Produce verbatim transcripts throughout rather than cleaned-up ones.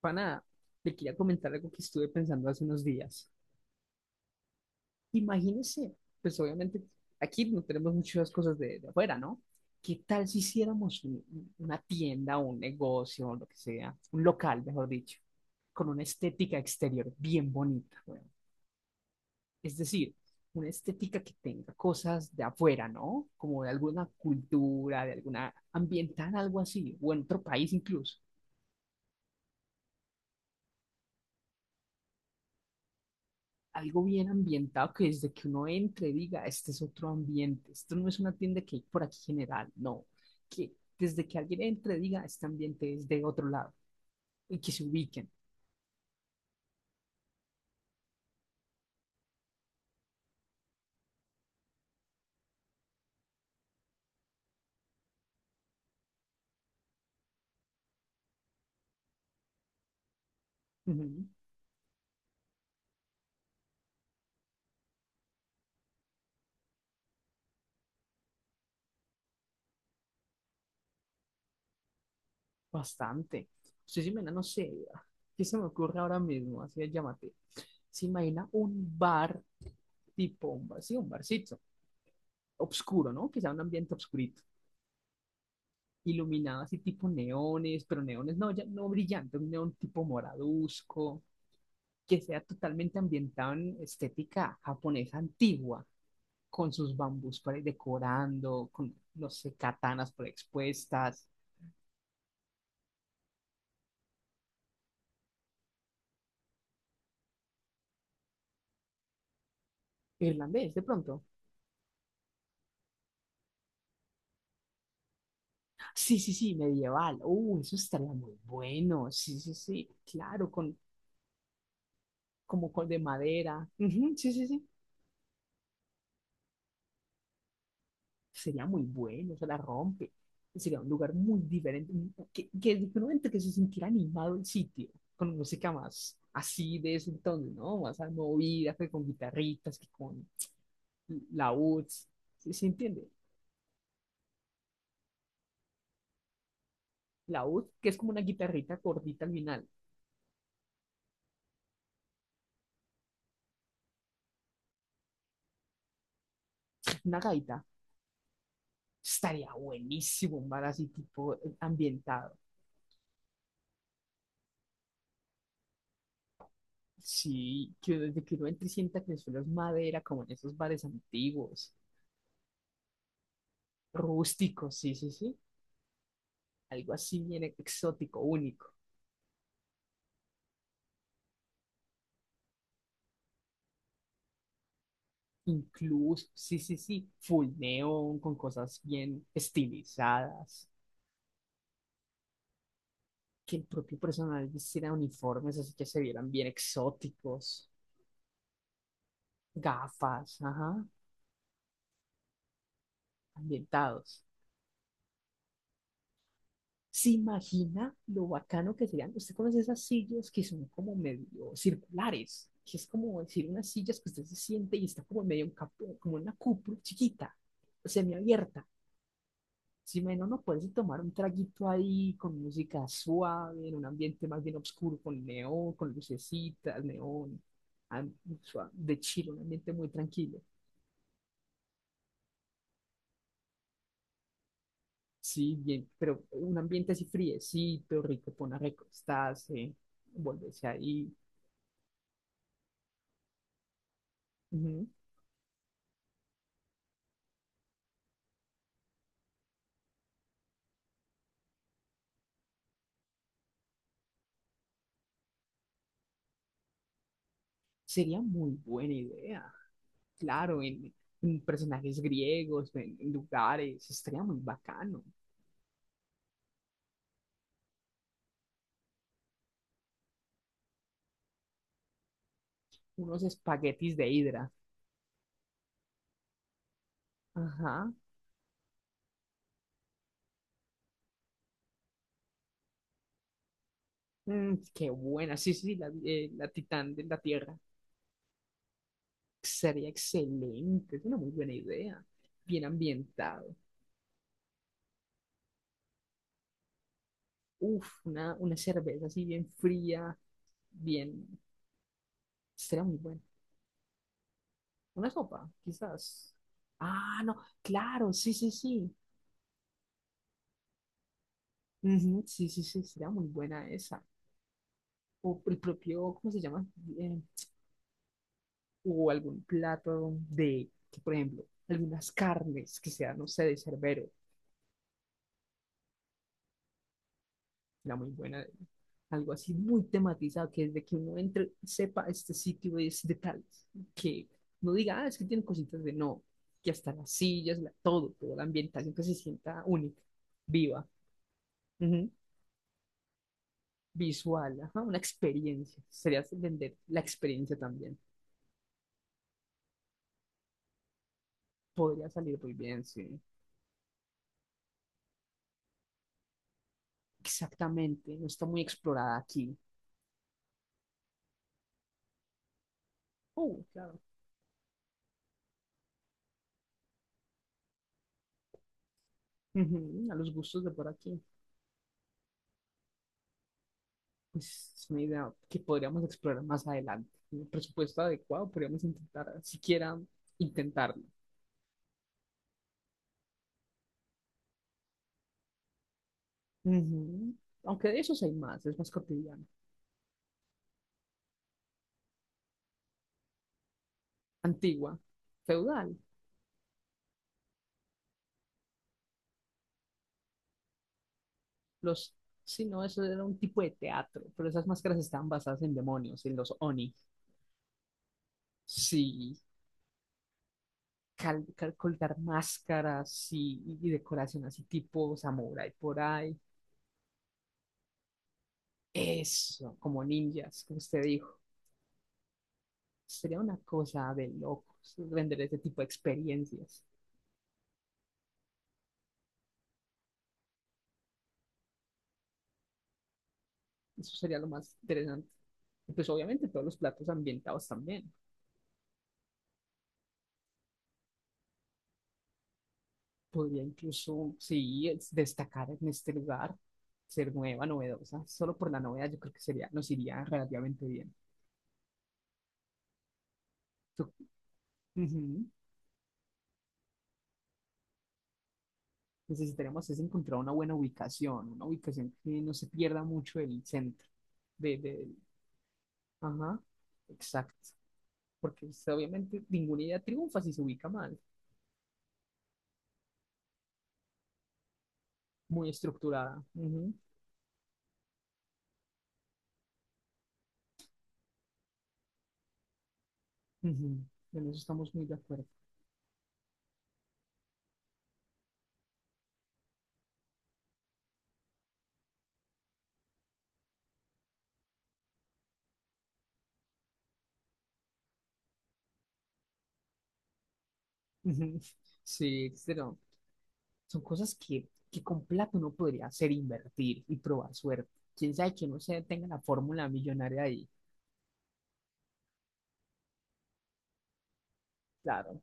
Pana, le quería comentar algo que estuve pensando hace unos días. Imagínese, pues obviamente aquí no tenemos muchas cosas de, de afuera, ¿no? ¿Qué tal si hiciéramos un- una tienda, un negocio, o lo que sea, un local, mejor dicho, con una estética exterior bien bonita, weón? Es decir, una estética que tenga cosas de afuera, ¿no? Como de alguna cultura, de alguna ambiental, algo así, o en otro país incluso. Algo bien ambientado que desde que uno entre diga, este es otro ambiente, esto no es una tienda que hay por aquí general, no, que desde que alguien entre diga, este ambiente es de otro lado y que se ubiquen. Ujú. Bastante. Usted se imagina, no sé, ¿qué se me ocurre ahora mismo? Así es, llámate. Se imagina un bar tipo, un bar, sí, un barcito, obscuro, ¿no? Que sea un ambiente obscurito. Iluminado así tipo neones, pero neones no, ya no brillante, un neón tipo moraduzco, que sea totalmente ambientado en estética japonesa antigua, con sus bambús por ahí decorando, con, no sé, katanas por ahí expuestas. Irlandés, de pronto. Sí, sí, sí, medieval. Uh, eso estaría muy bueno. Sí, sí, sí, claro, con, como con de madera. Ujú, sí, sí, sí. Sería muy bueno, se la rompe. Sería un lugar muy diferente, que, que diferente que se sintiera animado el sitio, con música más así de ese entonces, ¿no? Más movida, que con guitarritas, que con laúds, ¿sí, se entiende? Laúd, que es como una guitarrita gordita al final, una gaita. Estaría buenísimo un bar así tipo eh, ambientado. Sí, que desde que uno entre y sienta que el suelo es madera, como en esos bares antiguos, rústicos, sí, sí, sí. Algo así bien exótico, único. Incluso, sí, sí, sí, full neón, con cosas bien estilizadas, que el propio personal vistiera uniformes así que se vieran bien exóticos, gafas, ajá, ambientados. ¿Se imagina lo bacano que serían? ¿Usted conoce esas sillas que son como medio circulares? Que es como decir unas sillas que usted se siente y está como en medio un capó- como una cúpula chiquita, semiabierta. Si menos no puedes tomar un traguito ahí con música suave, en un ambiente más bien oscuro, con neón, con lucecitas, neón, am- sua- de chill, un ambiente muy tranquilo. Sí, bien, pero un ambiente así friecito, rico, pon a recostarse, volverse ahí. Ujú. Sería muy buena idea, claro, en, en personajes griegos, en, en lugares, estaría muy bacano. Unos espaguetis de hidra. Ajá. Mm, qué buena, sí, sí, la, eh, la Titán de la Tierra. Sería excelente, es una muy buena idea. Bien ambientado. Uf, una, una cerveza así bien fría, bien, sería muy buena. Una sopa, quizás. Ah, no, claro, sí, sí, sí. Ujú, sí, sí, sí, sería muy buena esa. O el propio, ¿cómo se llama? Eh, o algún plato de, que, por ejemplo, algunas carnes que sean, no sé, de cerbero. Era muy buena. Algo así muy tematizado, que desde que uno entre, sepa este sitio es de tal, que no diga, ah, es que tiene cositas de no, que hasta las sillas, la- todo, toda la ambientación que se sienta única, viva, ujú, visual, ajá, una experiencia. Sería vender la experiencia también. Podría salir muy bien, sí. Exactamente, no está muy explorada aquí. Oh, claro. Ujú, a los gustos de por aquí. Pues es una idea que podríamos explorar más adelante. Un presupuesto adecuado, podríamos intentar, siquiera intentarlo. Ujú. Aunque de esos hay más, es más cotidiano. Antigua, feudal, los... Sí, no, eso era un tipo de teatro, pero esas máscaras estaban basadas en demonios, en los oni. Sí, cal- cal- colgar máscaras, sí, y decoración así tipo samurai por ahí. Eso, como ninjas, como usted dijo. Sería una cosa de locos vender ese tipo de experiencias. Eso sería lo más interesante. Y pues obviamente todos los platos ambientados también. Podría incluso, sí, es- destacar en este lugar, ser nueva, novedosa. Solo por la novedad yo creo que sería, nos iría relativamente bien. Tú- ujú. Necesitaríamos es encontrar una buena ubicación, una ubicación que no se pierda mucho el centro. De, de, ajá, exacto. Porque pues, obviamente ninguna idea triunfa si se ubica mal. Muy estructurada. Ujú, ujú. En eso estamos muy de acuerdo. Ujú. Sí, pero son cosas que, que con plata uno podría hacer, invertir y probar suerte. Quién sabe que no se tenga la fórmula millonaria ahí. Claro,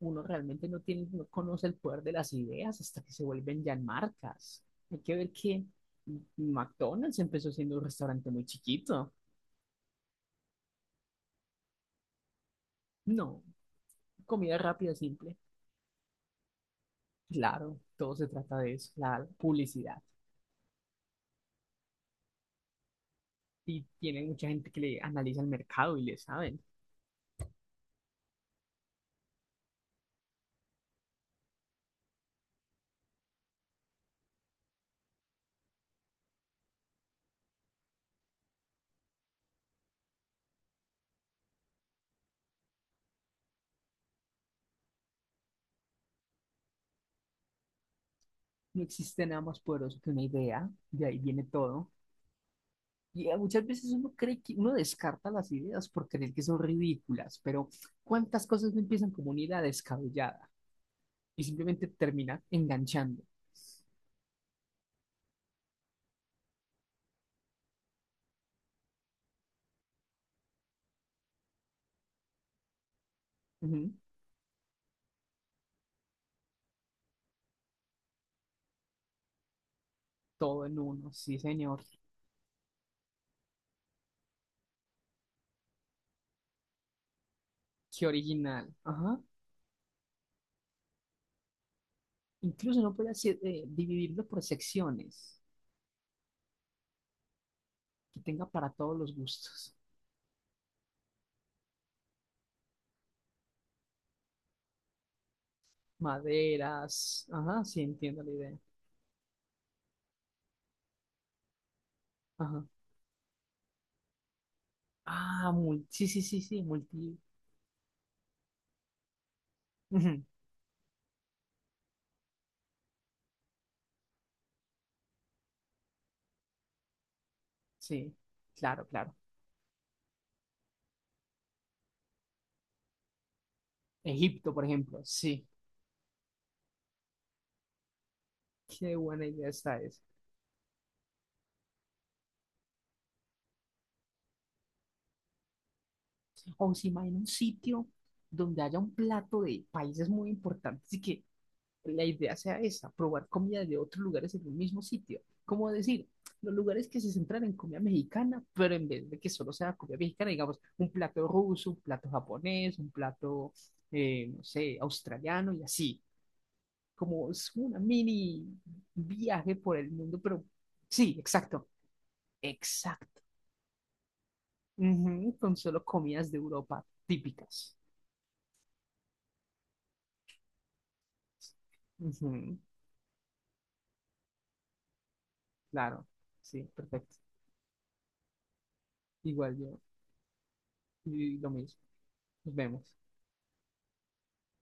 uno realmente no tiene, no conoce el poder de las ideas hasta que se vuelven ya marcas. Hay que ver que McDonald's empezó siendo un restaurante muy chiquito. No, comida rápida, simple. Claro, todo se trata de eso, la publicidad. Y tiene mucha gente que le analiza el mercado y le saben. No existe nada más poderoso que una idea, de ahí viene todo. Y eh, muchas veces uno cree que uno descarta las ideas por creer que son ridículas, pero ¿cuántas cosas no empiezan como una idea descabellada y simplemente termina enganchando? Ujú. Todo en uno, sí, señor. Qué original. Ajá. Incluso no puede hacer, eh, dividirlo por secciones, que tenga para todos los gustos. Maderas. Ajá, sí, entiendo la idea. Ajá. Ah, mul- sí, sí, sí, sí, multi. Ujú, sí, claro, claro. Egipto, por ejemplo, sí. Qué buena idea está esa. O se imagina un sitio donde haya un plato de países muy importantes y que la idea sea esa, probar comida de otros lugares en un mismo sitio. Como decir, los lugares que se centran en comida mexicana, pero en vez de que solo sea comida mexicana, digamos, un plato ruso, un plato japonés, un plato, eh, no sé, australiano y así. Como es una mini viaje por el mundo, pero sí, exacto, exacto. Ujú, con solo comidas de Europa típicas. Ujú, claro, sí, perfecto. Igual yo, y lo mismo. Nos vemos.